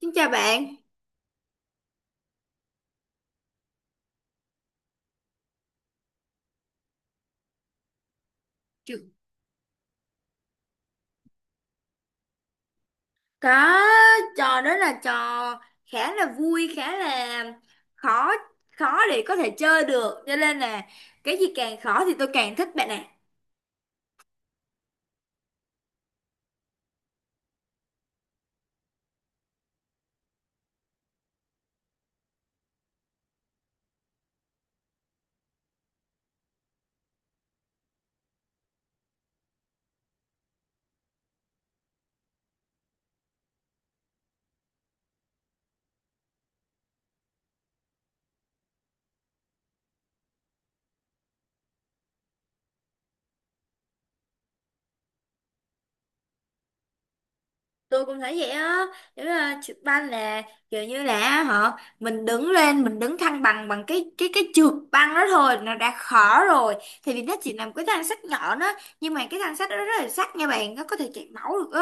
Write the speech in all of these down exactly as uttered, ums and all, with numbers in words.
Xin chào bạn. Trường- Có, trò đó là trò khá là vui, khá là khó khó để có thể chơi được. Cho nên là cái gì càng khó thì tôi càng thích bạn ạ. Tôi cũng thấy vậy á. Giống như là trượt băng là kiểu như là họ mình đứng lên, mình đứng thăng bằng bằng cái cái cái trượt băng đó thôi nó đã khó rồi. Thì vì nó chỉ là một cái thanh sắt nhỏ đó, nhưng mà cái thanh sắt đó rất là sắc nha bạn, nó có thể chảy máu được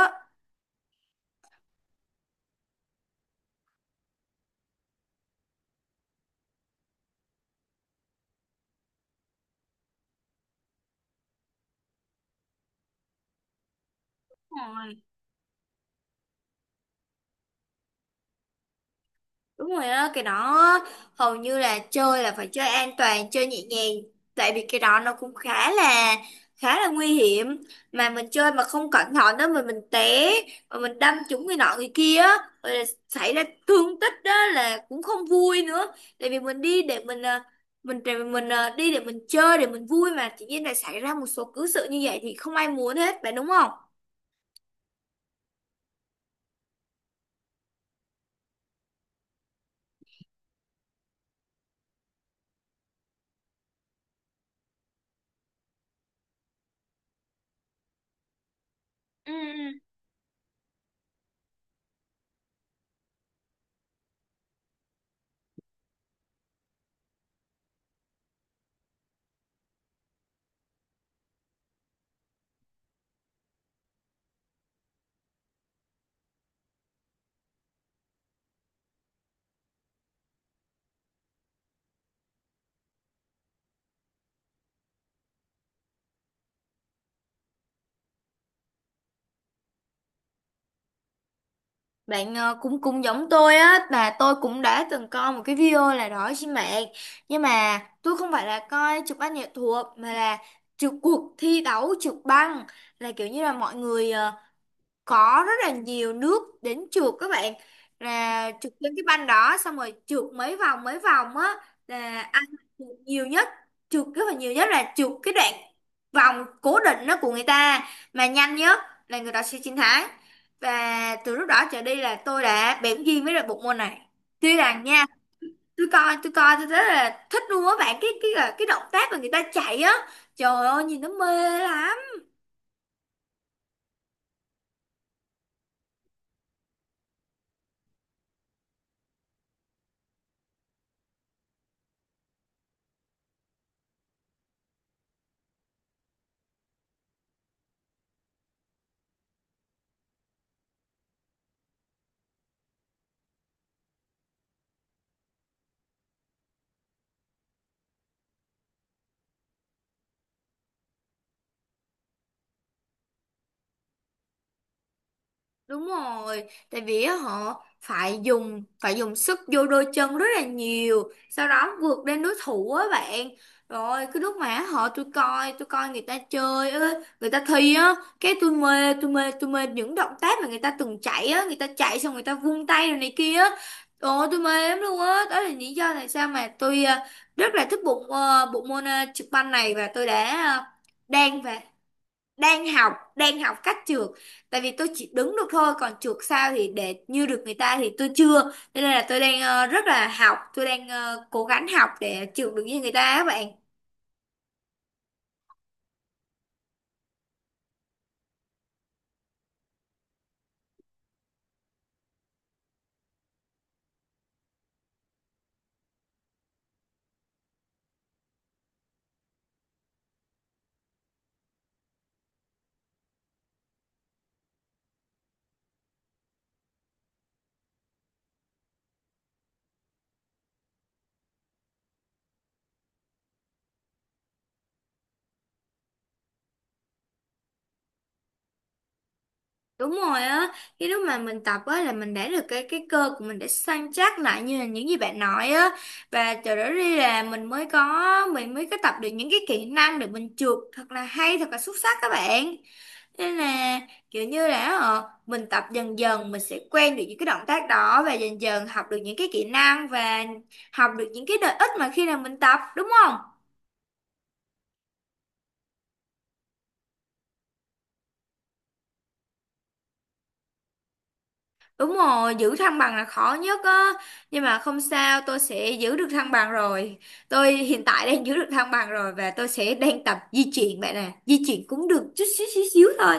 á. Đúng rồi á, cái đó hầu như là chơi là phải chơi an toàn, chơi nhẹ nhàng. Tại vì cái đó nó cũng khá là khá là nguy hiểm. Mà mình chơi mà không cẩn thận đó mà mình té, mà mình đâm trúng người nọ người kia, á, rồi là xảy ra thương tích đó là cũng không vui nữa. Tại vì mình đi để mình à, mình để mình à, đi để mình chơi để mình vui mà tự nhiên lại xảy ra một số cứ sự như vậy thì không ai muốn hết, phải đúng không? Ừ, bạn ờ, cũng cũng giống tôi á, mà tôi cũng đã từng coi một cái video là đó trên mạng. Nhưng mà tôi không phải là coi chụp ảnh nghệ thuật, mà là chụp cuộc thi đấu trượt băng, là kiểu như là mọi người ờ, có rất là nhiều nước đến trượt các bạn, là trượt trên cái banh đó xong rồi trượt mấy vòng mấy vòng á, là ai mà trượt nhiều nhất, trượt rất là nhiều nhất là trượt cái đoạn vòng cố định đó của người ta mà nhanh nhất là người ta sẽ chiến thắng. Và từ lúc đó trở đi là tôi đã bén duyên với lại bộ môn này, tuy rằng nha. Tôi coi tôi coi tôi rất là thích luôn á bạn, cái cái cái động tác mà người ta chạy á, trời ơi nhìn nó mê lắm. Đúng rồi, tại vì á, họ phải dùng phải dùng sức vô đôi chân rất là nhiều, sau đó vượt lên đối thủ á bạn. Rồi cái lúc mà họ tôi coi, tôi coi người ta chơi á, người ta thi á, cái tôi mê, tôi mê, tôi mê những động tác mà người ta từng chạy á, người ta chạy xong người ta vung tay rồi này kia á. Ồ tôi mê lắm luôn á, đó là lý do tại sao mà tôi ờ, rất là thích bộ ờ, bộ môn ờ, trực banh này, và tôi đã ờ, đang và đang học đang học cách trượt. Tại vì tôi chỉ đứng được thôi còn trượt sao thì để như được người ta thì tôi chưa, cho nên là tôi đang ờ, rất là học, tôi đang ờ, cố gắng học để trượt được như người ta á bạn. Đúng rồi á, cái lúc mà mình tập á là mình để được cái cái cơ của mình để săn chắc lại như là những gì bạn nói á, và từ đó đi là mình mới có mình mới có tập được những cái kỹ năng để mình trượt thật là hay thật là xuất sắc các bạn. Nên là kiểu như là ờ, mình tập dần dần mình sẽ quen được những cái động tác đó, và dần dần học được những cái kỹ năng và học được những cái lợi ích mà khi nào mình tập đúng không? Đúng rồi, giữ thăng bằng là khó nhất á. Nhưng mà không sao, tôi sẽ giữ được thăng bằng rồi. Tôi hiện tại đang giữ được thăng bằng rồi, và tôi sẽ đang tập di chuyển bạn nè. Di chuyển cũng được chút xíu xíu xíu thôi.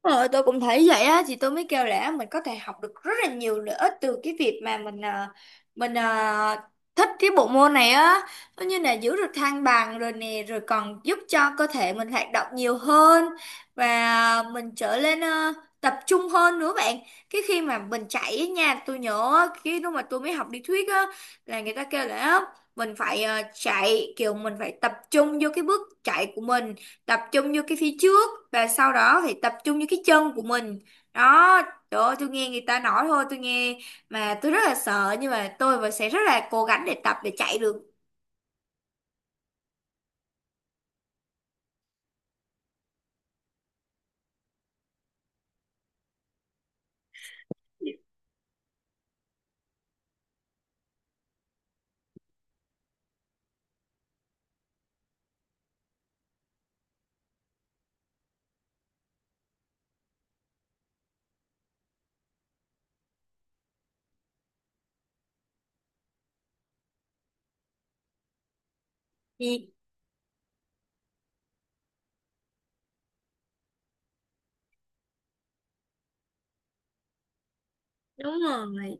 Ờ, tôi cũng thấy vậy á, thì tôi mới kêu là mình có thể học được rất là nhiều lợi ích từ cái việc mà mình ờ, mình ờ, thích cái bộ môn này á. Nó như là giữ được thăng bằng rồi nè, rồi còn giúp cho cơ thể mình hoạt động nhiều hơn và mình trở lên ờ, tập trung hơn nữa bạn. Cái khi mà mình chạy á nha, tôi nhớ á, khi lúc mà tôi mới học lý thuyết á là người ta kêu là á, mình phải ờ, chạy kiểu mình phải tập trung vô cái bước chạy của mình, tập trung vô cái phía trước và sau đó thì tập trung vô cái chân của mình đó. Trời ơi tôi nghe người ta nói thôi tôi nghe mà tôi rất là sợ, nhưng mà tôi vẫn sẽ rất là cố gắng để tập để chạy được. Thì đúng rồi,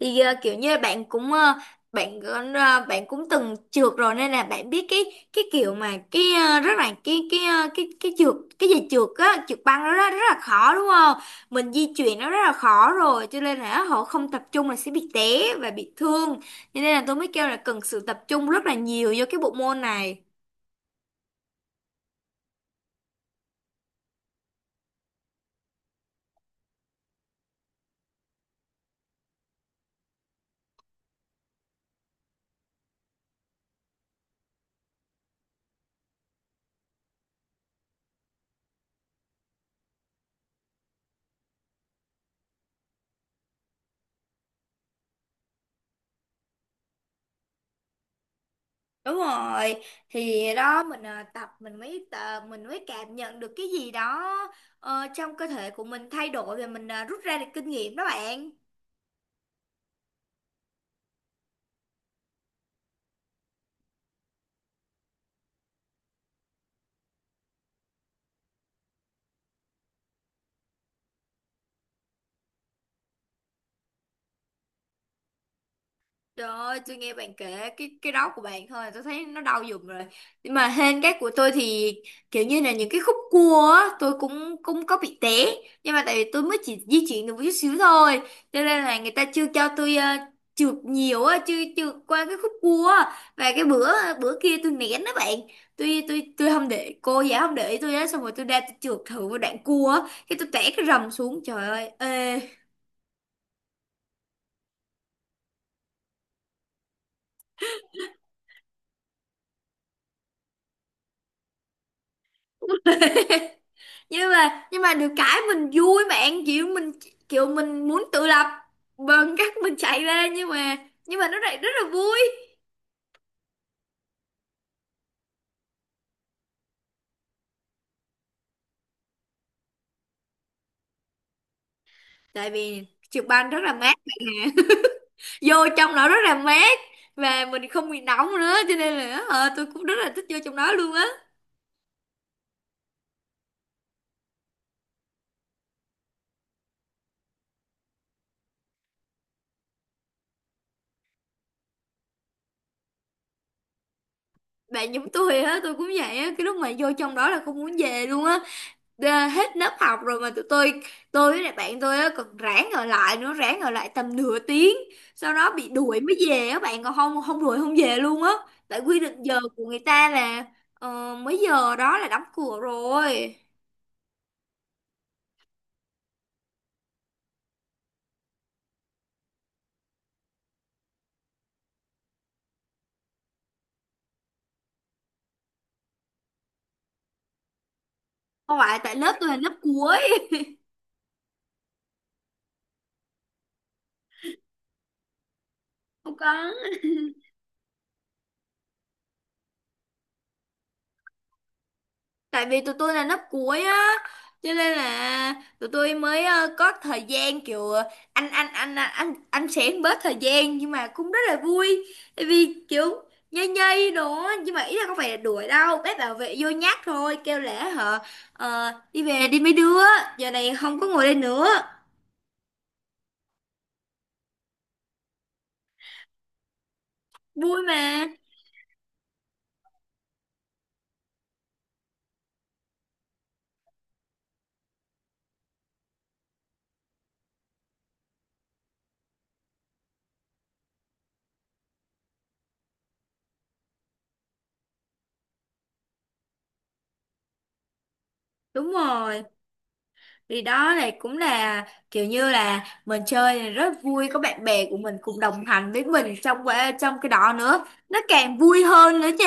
thì ờ, kiểu như là bạn cũng ờ, bạn ờ, ờ, bạn cũng từng trượt rồi, nên là bạn biết cái cái kiểu mà cái ờ, rất là cái cái ờ, cái cái trượt cái gì trượt á trượt băng đó rất, rất là khó đúng không. Mình di chuyển nó rất là khó rồi, cho nên là họ không tập trung là sẽ bị té và bị thương. Cho nên là tôi mới kêu là cần sự tập trung rất là nhiều vô cái bộ môn này. Đúng rồi, thì đó mình ờ, tập, mình mới tờ, mình mới cảm nhận được cái gì đó ờ, trong cơ thể của mình thay đổi, và mình ờ, rút ra được kinh nghiệm đó bạn. Trời ơi, tôi nghe bạn kể cái cái đó của bạn thôi, tôi thấy nó đau giùm rồi. Nhưng mà hên cái của tôi thì kiểu như là những cái khúc cua á, tôi cũng cũng có bị té. Nhưng mà tại vì tôi mới chỉ di chuyển được một chút xíu thôi, cho nên là người ta chưa cho tôi ờ, trượt nhiều á, chưa trượt qua cái khúc cua á. Và cái bữa bữa kia tôi nén đó bạn. Tôi tôi tôi không để cô giáo không để ý tôi á, xong rồi tôi ra tôi trượt thử một đoạn cua á, cái tôi té cái rầm xuống. Trời ơi, ê, nhưng mà nhưng mà được cái mình vui bạn, kiểu mình kiểu mình muốn tự lập bằng cách mình chạy ra, nhưng mà nhưng mà nó lại rất là vui. Tại vì trượt băng rất là mát bạn ạ, vô trong đó rất là mát và mình không bị nóng nữa, cho nên là ờ, tôi cũng rất là thích vô trong đó luôn á. Bạn giống tôi á, tôi cũng vậy á, cái lúc mà vô trong đó là không muốn về luôn á. Đê- hết lớp học rồi mà tụi tôi tôi với lại bạn tôi á còn ráng ở lại nữa, ráng ở lại tầm nửa tiếng, sau đó bị đuổi mới về á bạn, còn không không đuổi không về luôn á. Tại quy định giờ của người ta là ờ, mấy giờ đó là đóng cửa rồi. Không phải tại lớp tôi là lớp cuối. Không, tại vì tụi tôi là lớp cuối á, cho nên là tụi tôi mới ờ, có thời gian kiểu ờ, anh anh anh anh anh anh xén bớt thời gian, nhưng mà cũng rất là vui tại vì kiểu nhây nhây đồ á, nhưng mà ý là không phải là đuổi đâu, bác bảo vệ vô nhắc thôi, kêu lễ hả ờ, đi về đi mấy đứa, giờ này không có ngồi đây nữa. Vui mà. Đúng rồi. Đi đó là cũng là kiểu như là mình chơi là rất vui, có bạn bè của mình cùng đồng hành với mình trong cái trong cái đó nữa nó càng vui hơn nữa chứ.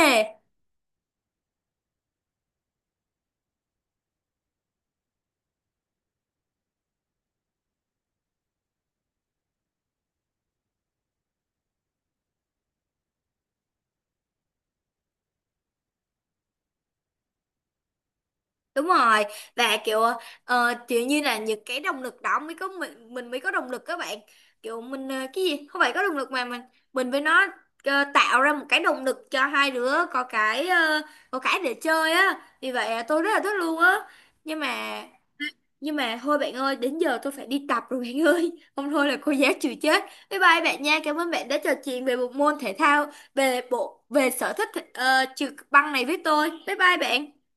Đúng rồi, và kiểu ờ, kiểu như là những cái động lực đó mới có mình mình mới có động lực các bạn, kiểu mình ờ, cái gì không phải có động lực mà mình mình với nó ờ, tạo ra một cái động lực cho hai đứa, có cái ờ, có cái để chơi á, vì vậy tôi rất là thích luôn á, nhưng mà. Nhưng mà thôi bạn ơi, đến giờ tôi phải đi tập rồi bạn ơi. Không thôi là cô giáo chịu chết. Bye bye bạn nha. Cảm ơn bạn đã trò chuyện về bộ môn thể thao, về bộ về sở thích uh, trượt băng này với tôi. Bye bye bạn.